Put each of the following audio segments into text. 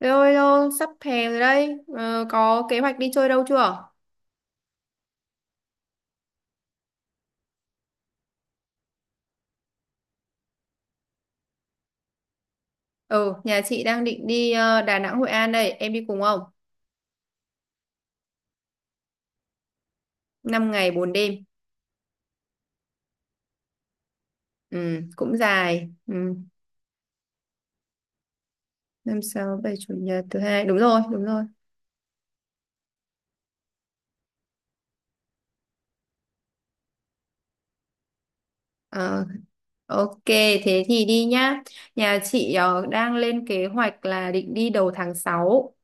Rồi rồi, sắp hè rồi đây. Ờ, có kế hoạch đi chơi đâu chưa? Ừ, nhà chị đang định đi Đà Nẵng, Hội An đây. Em đi cùng không? 5 ngày 4 đêm. Ừ, cũng dài. Ừ, năm sáu bảy chủ nhật thứ hai. Đúng rồi, đúng rồi. Ờ, ok, thế thì đi nhá. Nhà chị đang lên kế hoạch là định đi đầu tháng sáu.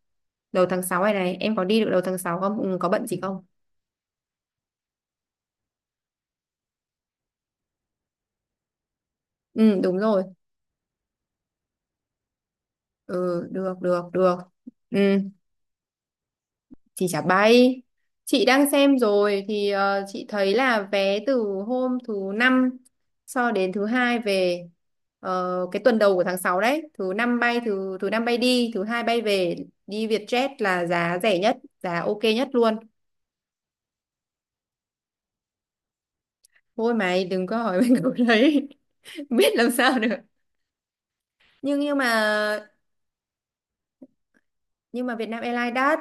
Đầu tháng 6 này này, em có đi được đầu tháng 6 không? Ừ, có bận gì không? Ừ, đúng rồi. Ừ, được, được, được. Ừ. Chị chả bay. Chị đang xem rồi thì chị thấy là vé từ hôm thứ năm cho đến thứ hai về, cái tuần đầu của tháng 6 đấy, thứ năm bay, thứ thứ năm bay đi, thứ hai bay về, đi Vietjet là giá rẻ nhất, giá ok nhất luôn. Thôi mày đừng có hỏi mình câu đấy. Biết làm sao được. Nhưng nhưng mà nhưng mà Vietnam Airlines đắt.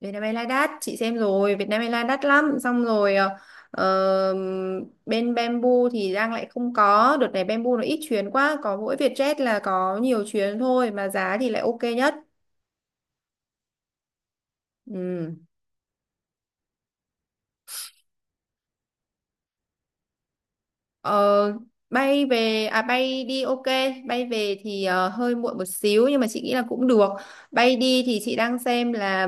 Việt Nam Airlines đắt, chị xem rồi, Việt Nam Airlines đắt lắm, xong rồi ờ, bên Bamboo thì đang lại không có đợt này, Bamboo nó ít chuyến quá, có mỗi Vietjet là có nhiều chuyến thôi mà giá thì lại ok nhất. Ừ. Ờ, Bay về à, bay đi ok, bay về thì hơi muộn một xíu nhưng mà chị nghĩ là cũng được. Bay đi thì chị đang xem là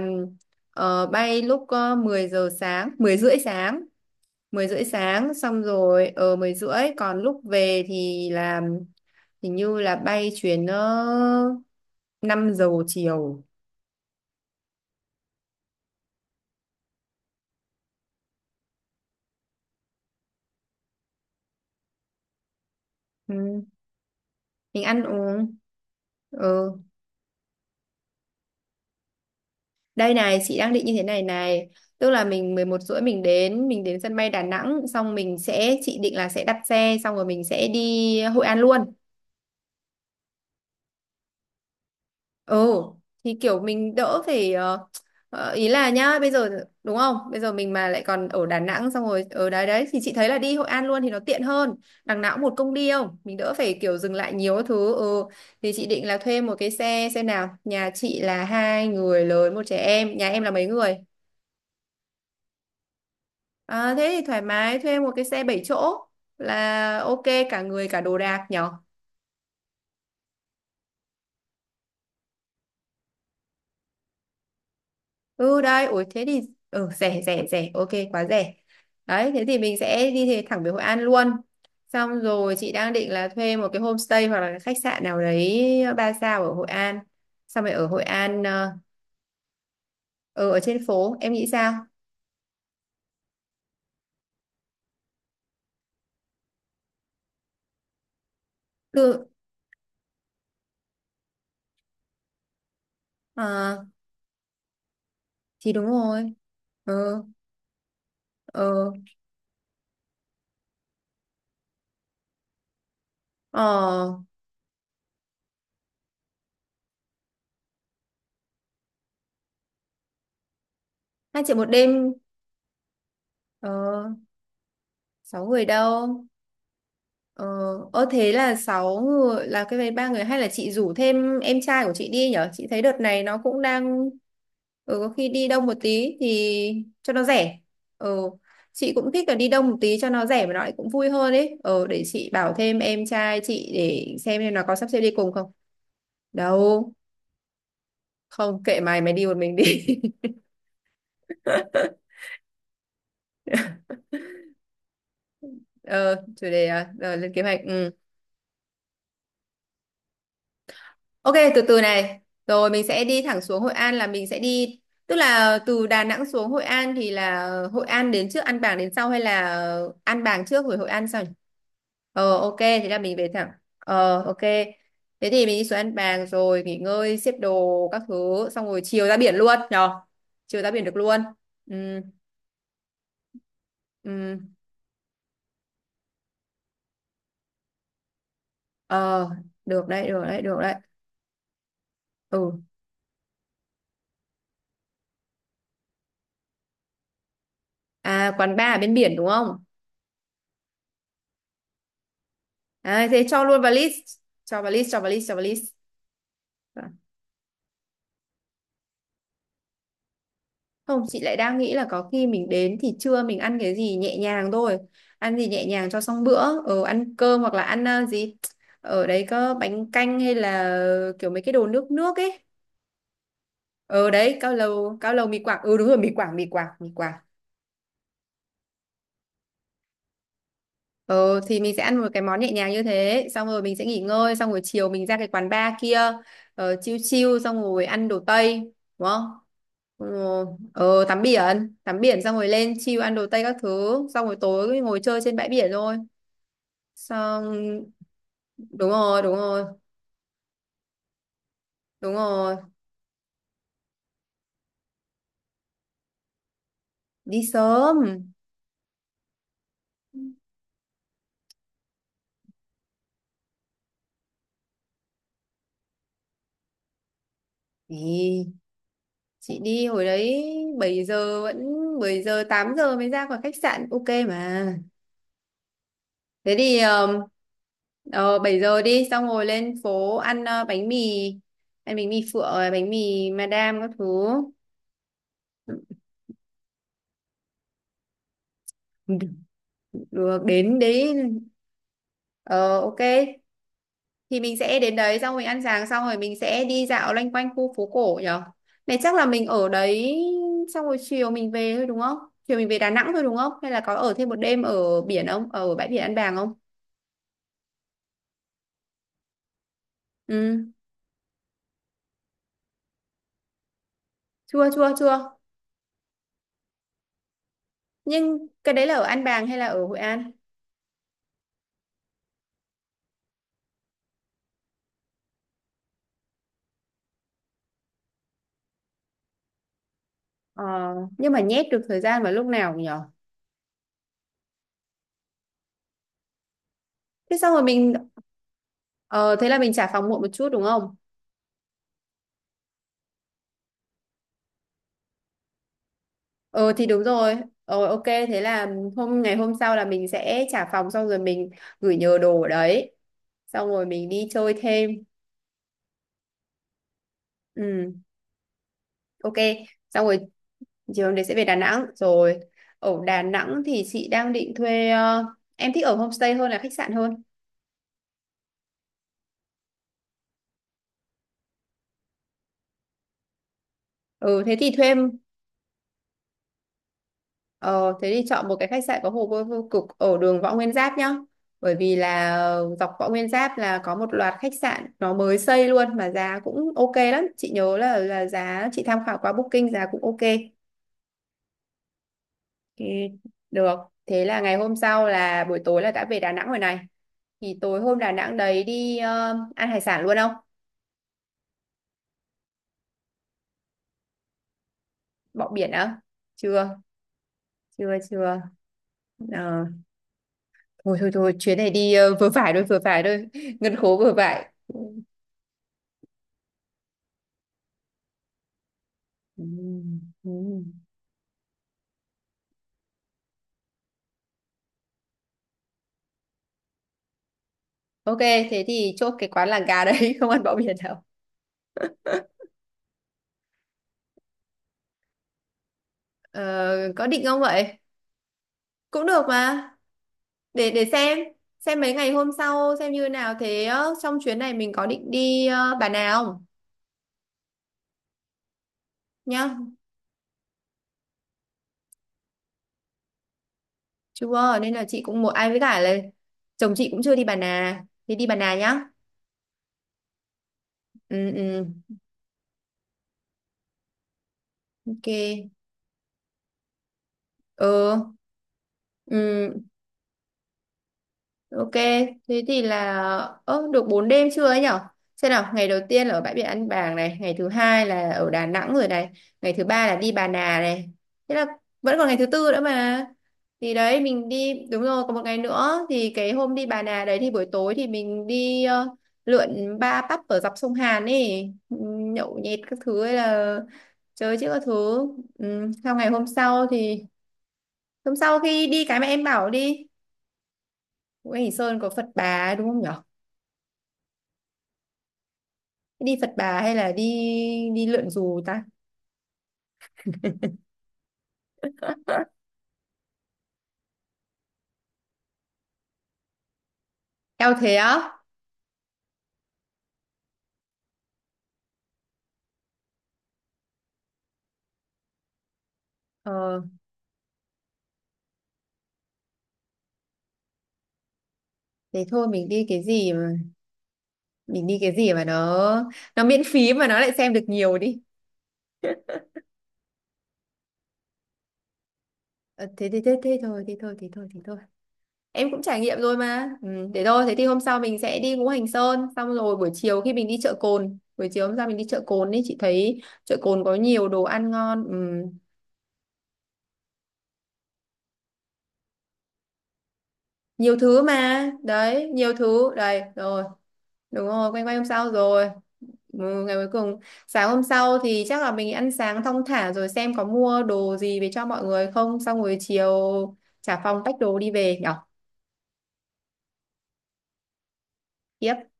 bay lúc 10 giờ sáng, 10 rưỡi sáng, 10 rưỡi sáng, xong rồi ở 10 rưỡi, còn lúc về thì là hình như là bay chuyến 5 giờ chiều. Ừ. Mình ăn uống. Ừ. Đây này, chị đang định như thế này này, tức là mình 11 rưỡi mình đến sân bay Đà Nẵng, xong mình sẽ chị định là sẽ đặt xe xong rồi mình sẽ đi Hội An luôn. Ừ, thì kiểu mình đỡ phải ý là nhá, bây giờ đúng không, bây giờ mình mà lại còn ở Đà Nẵng xong rồi ở đấy đấy thì chị thấy là đi Hội An luôn thì nó tiện hơn. Đằng nào cũng một công đi không, mình đỡ phải kiểu dừng lại nhiều các thứ. Ừ. Thì chị định là thuê một cái xe xe nào, nhà chị là hai người lớn một trẻ em, nhà em là mấy người? À, thế thì thoải mái thuê một cái xe 7 chỗ là ok, cả người cả đồ đạc nhỉ. Ừ đây, ủi thế thì ừ, rẻ rẻ rẻ, ok quá rẻ. Đấy, thế thì mình sẽ đi thì thẳng về Hội An luôn. Xong rồi chị đang định là thuê một cái homestay hoặc là cái khách sạn nào đấy 3 sao ở Hội An. Xong rồi ở Hội An ừ, ở trên phố, em nghĩ sao? Được, à, thì đúng rồi. Ừ, ừ, ờ, 2 triệu một đêm, ờ, 6 người đâu. Ờ, ơ thế là 6 người, là cái vé 3 người, hay là chị rủ thêm em trai của chị đi nhở? Chị thấy đợt này nó cũng đang, có khi đi đông một tí thì cho nó rẻ. Ừ, chị cũng thích là đi đông một tí cho nó rẻ mà nó lại cũng vui hơn ấy. Ừ, để chị bảo thêm em trai chị để xem em nó có sắp xếp đi cùng không. Đâu, không, kệ mày, mày đi một mình đi. Ờ chủ đề à? Rồi lên kế hoạch. Ừ. Ok, từ từ này. Rồi mình sẽ đi thẳng xuống Hội An, là mình sẽ đi, tức là từ Đà Nẵng xuống Hội An thì là Hội An đến trước An Bàng đến sau hay là An Bàng trước rồi Hội An sau nhỉ? Ờ ok, thế là mình về thẳng. Ờ ok. Thế thì mình đi xuống An Bàng rồi nghỉ ngơi, xếp đồ các thứ xong rồi chiều ra biển luôn nhờ. Chiều ra biển được luôn. Ừ. Ừ. Ờ, được đấy, được đấy, được đấy. Ừ. À, quán bar ở bên biển đúng không? À, thế cho luôn vào list. Cho vào list, cho vào list, cho vào list. Không, chị lại đang nghĩ là có khi mình đến thì trưa mình ăn cái gì nhẹ nhàng thôi. Ăn gì nhẹ nhàng cho xong bữa. Ờ, ăn cơm hoặc là ăn gì. Ở đấy có bánh canh hay là kiểu mấy cái đồ nước nước ấy. Ở đấy, cao lầu mì Quảng. Ừ đúng rồi, mì Quảng, mì Quảng, mì Quảng. Ừ, thì mình sẽ ăn một cái món nhẹ nhàng như thế, xong rồi mình sẽ nghỉ ngơi, xong rồi chiều mình ra cái quán bar kia, chill chill xong rồi ăn đồ Tây, đúng không. Ừ, tắm biển, tắm biển xong rồi lên chill ăn đồ Tây các thứ xong rồi tối ngồi chơi trên bãi biển thôi, xong. Đúng rồi, đúng rồi, đúng rồi, đi sớm. Thì chị đi hồi đấy, 7 giờ vẫn 7 giờ 8 giờ mới ra khỏi khách sạn ok mà. Thế thì ờ, 7 giờ đi xong rồi lên phố ăn bánh mì. Ăn bánh mì phượng rồi bánh mì madam các thứ. Được đến đấy. Ờ ok, thì mình sẽ đến đấy xong mình ăn sáng, xong rồi mình sẽ đi dạo loanh quanh khu phố cổ nhở. Này, chắc là mình ở đấy xong rồi chiều mình về thôi, đúng không? Chiều mình về Đà Nẵng thôi đúng không, hay là có ở thêm một đêm ở biển không, ở bãi biển An Bàng không? Ừ, chưa, chưa, chưa. Nhưng cái đấy là ở An Bàng hay là ở Hội An? Ờ, nhưng mà nhét được thời gian vào lúc nào nhỉ? Thế xong rồi mình, ờ thế là mình trả phòng muộn một chút đúng không? Ờ thì đúng rồi. Ờ ok, thế là ngày hôm sau là mình sẽ trả phòng xong rồi mình gửi nhờ đồ ở đấy. Xong rồi mình đi chơi thêm. Ừ, ok. Xong rồi chiều hôm đấy sẽ về Đà Nẵng rồi. Ở Đà Nẵng thì chị đang định thuê, em thích ở homestay hơn là khách sạn hơn. Ừ thế thì thuê. Ờ, thế thì chọn một cái khách sạn có hồ bơi vô cực ở đường Võ Nguyên Giáp nhá. Bởi vì là dọc Võ Nguyên Giáp là có một loạt khách sạn nó mới xây luôn mà giá cũng ok lắm. Chị nhớ là giá chị tham khảo qua Booking giá cũng ok. Thì được. Thế là ngày hôm sau là buổi tối là đã về Đà Nẵng rồi này. Thì tối hôm Đà Nẵng đấy đi ăn hải sản luôn không? Bọ biển á? Chưa, chưa, chưa. Ờ, thôi thôi thôi, chuyến này đi vừa phải thôi, vừa phải thôi. Ngân khố vừa phải. Ừ, ừ. Ok, thế thì chốt cái quán làng gà đấy, không ăn bọ biển đâu. Ờ, có định không vậy? Cũng được mà. Để xem mấy ngày hôm sau xem như nào, thế trong chuyến này mình có định đi Bà Nà không nhá? Chưa, nên là chị cũng một ai với cả là chồng chị cũng chưa đi Bà Nà. Thế đi Bà Nà nhá. Ừ ừ. Ok. Ừ. Ừ, ok, thế thì là, ơ được 4 đêm chưa ấy nhở? Xem nào, ngày đầu tiên là ở bãi biển An Bàng này, ngày thứ hai là ở Đà Nẵng rồi này, ngày thứ ba là đi Bà Nà này. Thế là vẫn còn ngày thứ tư nữa mà. Thì đấy mình đi, đúng rồi, còn một ngày nữa thì cái hôm đi Bà Nà đấy thì buổi tối thì mình đi lượn ba pub ở dọc sông Hàn ấy, nhậu nhẹt các thứ hay là chơi chứ các thứ. Ừ, sau ngày hôm sau thì, hôm sau khi đi cái mà em bảo đi, Ngũ Hành Sơn có Phật Bà đúng không nhở? Đi Phật Bà hay là đi đi lượn dù ta. Eo, thế á. ờ Thế thôi, mình đi cái gì mà mình đi cái gì mà nó miễn phí mà nó lại xem được nhiều đi. Ờ, Thế, thế thế thế thôi, thế thôi, thế thôi, thế thôi, em cũng trải nghiệm rồi mà. Ừ, thế thôi, thế thì hôm sau mình sẽ đi Ngũ Hành Sơn xong rồi buổi chiều hôm sau mình đi chợ Cồn ấy, chị thấy chợ Cồn có nhiều đồ ăn ngon. Ừ. Nhiều thứ mà, đấy, nhiều thứ đấy rồi, đúng rồi, quanh quanh hôm sau rồi. Ừ, ngày cuối cùng sáng hôm sau thì chắc là mình ăn sáng thong thả rồi xem có mua đồ gì về cho mọi người không, xong rồi chiều trả phòng tách đồ đi về nhở. Yep.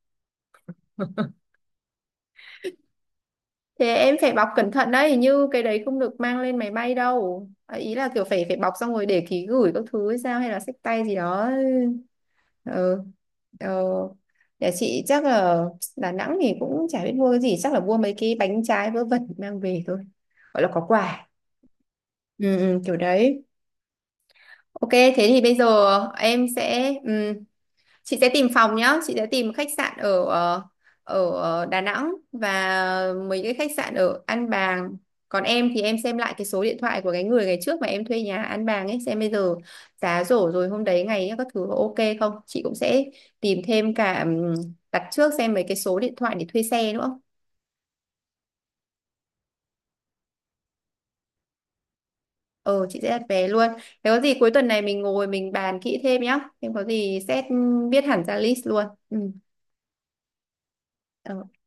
Thế em phải bọc cẩn thận đấy, hình như cái đấy không được mang lên máy bay đâu. À, ý là kiểu phải phải bọc xong rồi để ký gửi các thứ hay sao hay là xách tay gì đó. Ừ. ờ, Nhà chị chắc là Đà Nẵng thì cũng chả biết mua cái gì, chắc là mua mấy cái bánh trái vớ vẩn mang về thôi, gọi là có quà. Ừ, ừ, kiểu đấy. Ok thế thì bây giờ, em sẽ ừ, chị sẽ tìm phòng nhá, chị sẽ tìm khách sạn ở Đà Nẵng và mấy cái khách sạn ở An Bàng. Còn em thì em xem lại cái số điện thoại của cái người ngày trước mà em thuê nhà An Bàng ấy, xem bây giờ giá rổ rồi hôm đấy ngày ấy các thứ có ok không, chị cũng sẽ tìm thêm cả đặt trước, xem mấy cái số điện thoại để thuê xe nữa. Ờ chị sẽ đặt vé luôn, thế có gì cuối tuần này mình ngồi mình bàn kỹ thêm nhá, em có gì xét biết hẳn ra list luôn. Ừ. Ờ.